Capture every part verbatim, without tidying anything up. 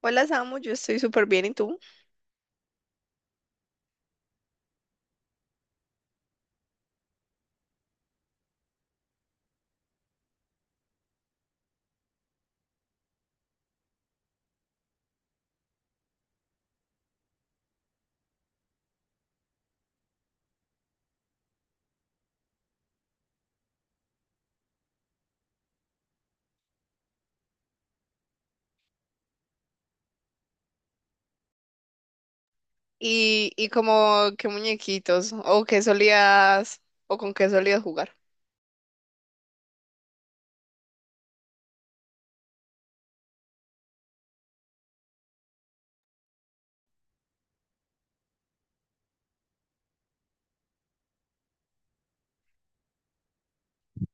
Hola Samu, yo estoy súper bien, ¿y tú? ¿Y, y como qué muñequitos? ¿O qué solías, o con qué solías jugar?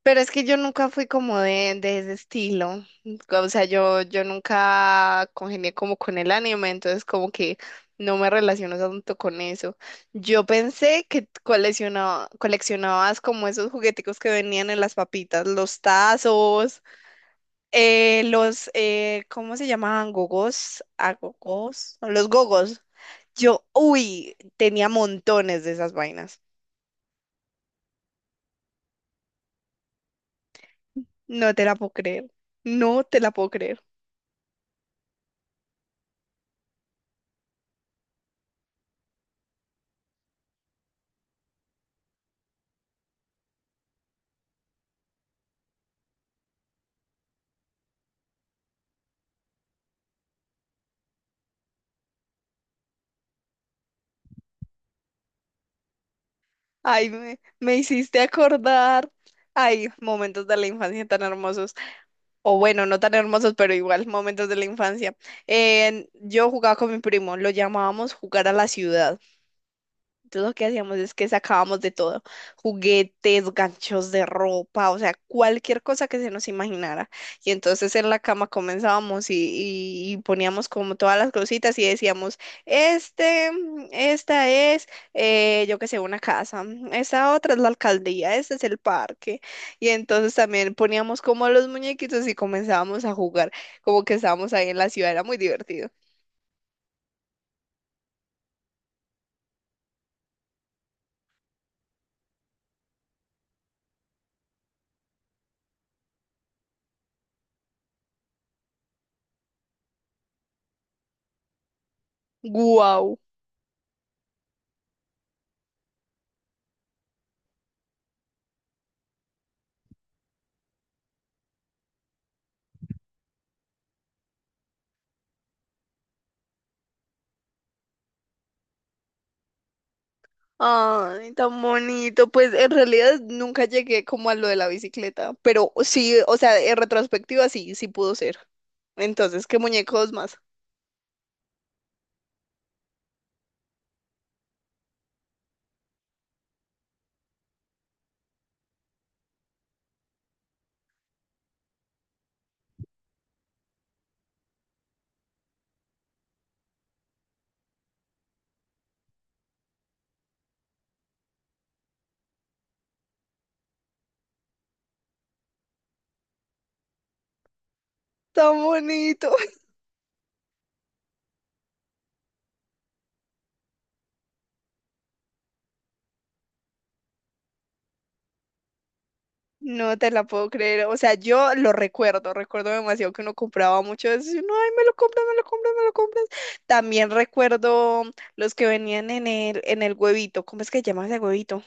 Pero es que yo nunca fui como de, de ese estilo, o sea, yo, yo nunca congenié como con el anime, entonces como que no me relaciono tanto con eso. Yo pensé que coleccionaba, coleccionabas como esos jugueticos que venían en las papitas, los tazos. Eh, los, eh, ¿cómo se llamaban? Gogos, agogos, no, los gogos. Yo, uy, tenía montones de esas vainas. No te la puedo creer. No te la puedo creer. Ay, me, me hiciste acordar. Ay, momentos de la infancia tan hermosos. O bueno, no tan hermosos, pero igual, momentos de la infancia. En- yo jugaba con mi primo, lo llamábamos jugar a la ciudad. Entonces lo que hacíamos es que sacábamos de todo, juguetes, ganchos de ropa, o sea, cualquier cosa que se nos imaginara. Y entonces en la cama comenzábamos y, y- y poníamos como todas las cositas y decíamos, este, mm, esta es, eh, yo qué sé, una casa, mm, esta otra es la alcaldía, este es el parque. Y entonces también poníamos como los muñequitos y comenzábamos a jugar, como que estábamos ahí en la ciudad, era muy divertido. ¡Guau! Ay, tan bonito. Pues en realidad nunca llegué como a lo de la bicicleta, pero sí, o sea, en retrospectiva sí, sí pudo ser. Entonces, ¿qué muñecos más? Tan bonito. No te la puedo creer. O sea, yo lo recuerdo, recuerdo demasiado que uno compraba mucho de eso. Y uno, ay, me lo compras, me lo compras, me lo compras. También recuerdo los que venían en el, en el huevito. ¿Cómo es que se llama ese huevito?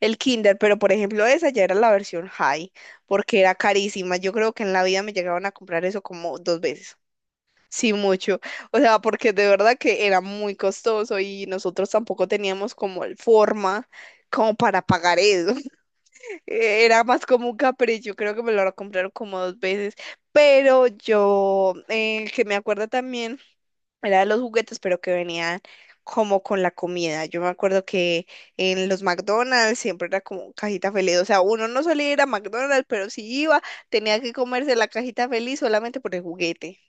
El Kinder, pero por ejemplo esa ya era la versión high, porque era carísima. Yo creo que en la vida me llegaban a comprar eso como dos veces. Sí, mucho. O sea, porque de verdad que era muy costoso y nosotros tampoco teníamos como el forma como para pagar eso. Era más como un capricho, creo que me lo compraron como dos veces. Pero yo, eh, que me acuerdo también era de los juguetes, pero que venían como con la comida. Yo me acuerdo que en los McDonald's siempre era como cajita feliz. O sea, uno no solía ir a McDonald's, pero si iba, tenía que comerse la cajita feliz solamente por el juguete.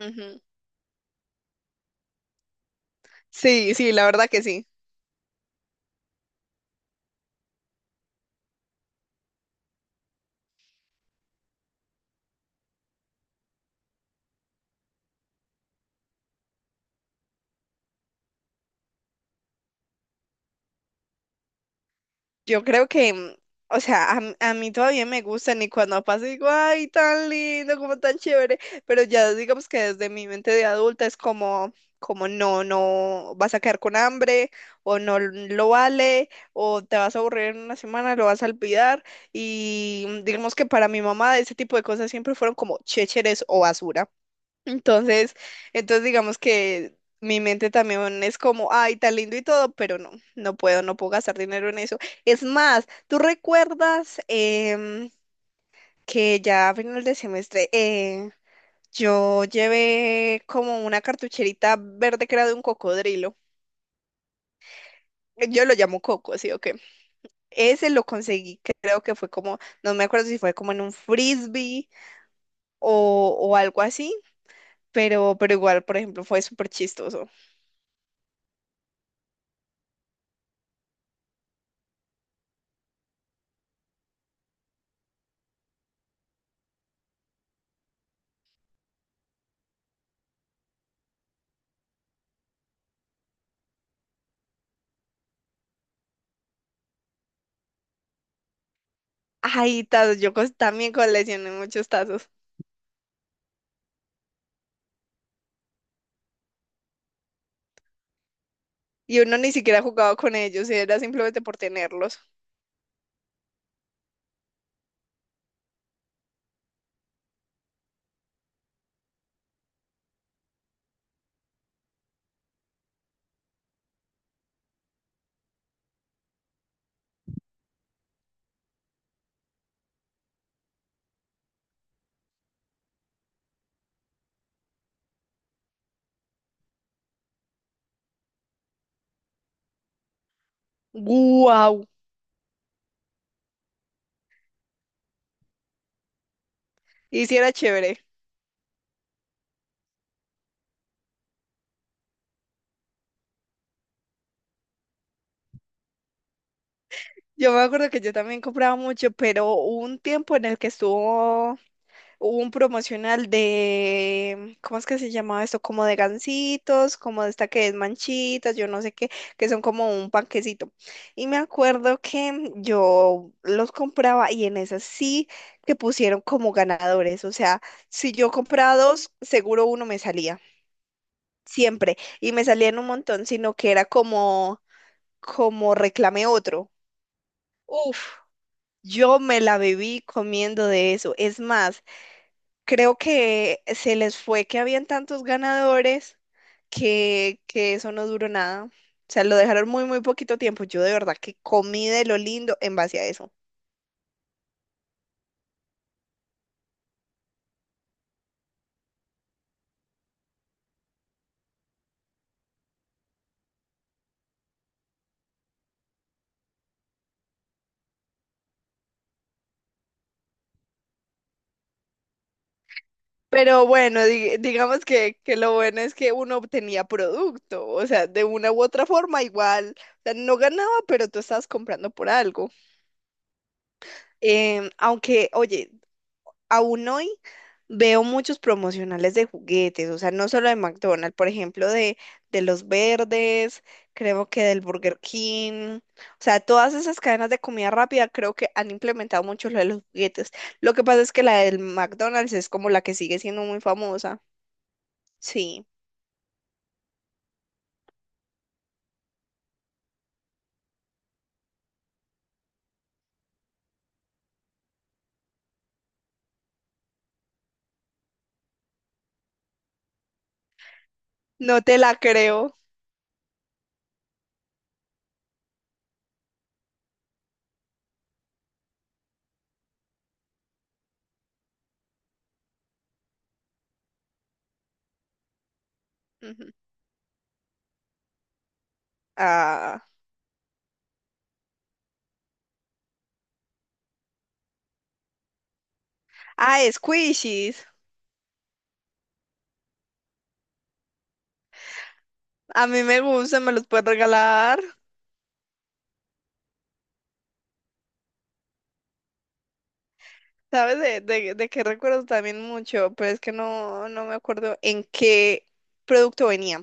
Ujú. Sí, sí, la verdad que sí. Yo creo que, mm, o sea, a, m- a mí todavía me gustan y cuando pasa digo, ay, tan lindo, como tan chévere, pero ya digamos que desde mi mente de adulta es como, como no, no vas a quedar con hambre o no l- lo vale o te vas a aburrir en una semana, lo vas a olvidar y mm, digamos que para mi mamá ese tipo de cosas siempre fueron como chécheres o basura. Entonces, entonces digamos que mi mente también es como, ay, tan lindo y todo, pero no, no puedo, no puedo gastar dinero en eso. Es más, ¿tú recuerdas em, que ya a final de semestre eh, yo llevé como una cartucherita verde que era de un cocodrilo? Yo lo llamo coco, ¿sí o qué? Ese lo conseguí, creo que fue como, no me acuerdo si fue como en un frisbee o, o algo así, pero, pero igual, por ejemplo, fue súper chistoso. Ay, tazos, yo cos- también coleccioné muchos tazos. Y uno ni siquiera jugaba con ellos, era simplemente por tenerlos. ¡Guau! Y sí era chévere. Yo me acuerdo que yo también compraba mucho, pero hubo un tiempo en el que estuvo. Hubo un promocional de, ¿cómo es que se llamaba esto? Como de gansitos, como de esta que es manchitas, yo no sé qué, que son como un panquecito. Y me acuerdo que yo los compraba y en esas sí que pusieron como ganadores. O sea, si yo compraba dos, seguro uno me salía, siempre. Y me salían un montón, sino que era como, como reclame otro. Uf, yo me la viví comiendo de eso. Es más, creo que se les fue que habían tantos ganadores que, que eso no duró nada. O sea, lo dejaron muy, muy poquito tiempo. Yo de verdad que comí de lo lindo en base a eso. Pero bueno, di- digamos que, que lo bueno es que uno obtenía producto, o sea, de una u otra forma igual, o sea, no ganaba, pero tú estabas comprando por algo. Em, aunque, oye, aún hoy veo muchos promocionales de juguetes, o sea, no solo de McDonald's, por ejemplo, de, de los verdes, creo que del Burger King, o sea, todas esas cadenas de comida rápida creo que han implementado mucho lo de los juguetes. Lo que pasa es que la del McDonald's es como la que sigue siendo muy famosa. Sí, no te la creo. Ujú. Ah, ah, squishies. A mí me gustan, me los puedes regalar. ¿Sabes de, de, de qué recuerdo también mucho? Pero es que no, no me acuerdo en qué producto venía.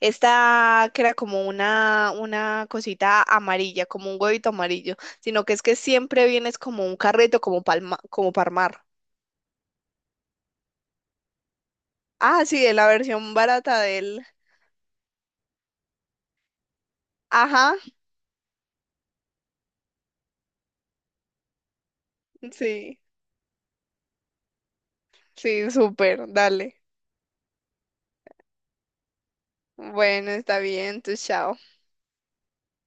Esta que era como una, una cosita amarilla, como un huevito amarillo, sino que es que siempre vienes como un carrito, como palma, como Parmar. Ah, sí, de la versión barata del... Ajá, sí, sí, súper, dale. Bueno, está bien, entonces chao.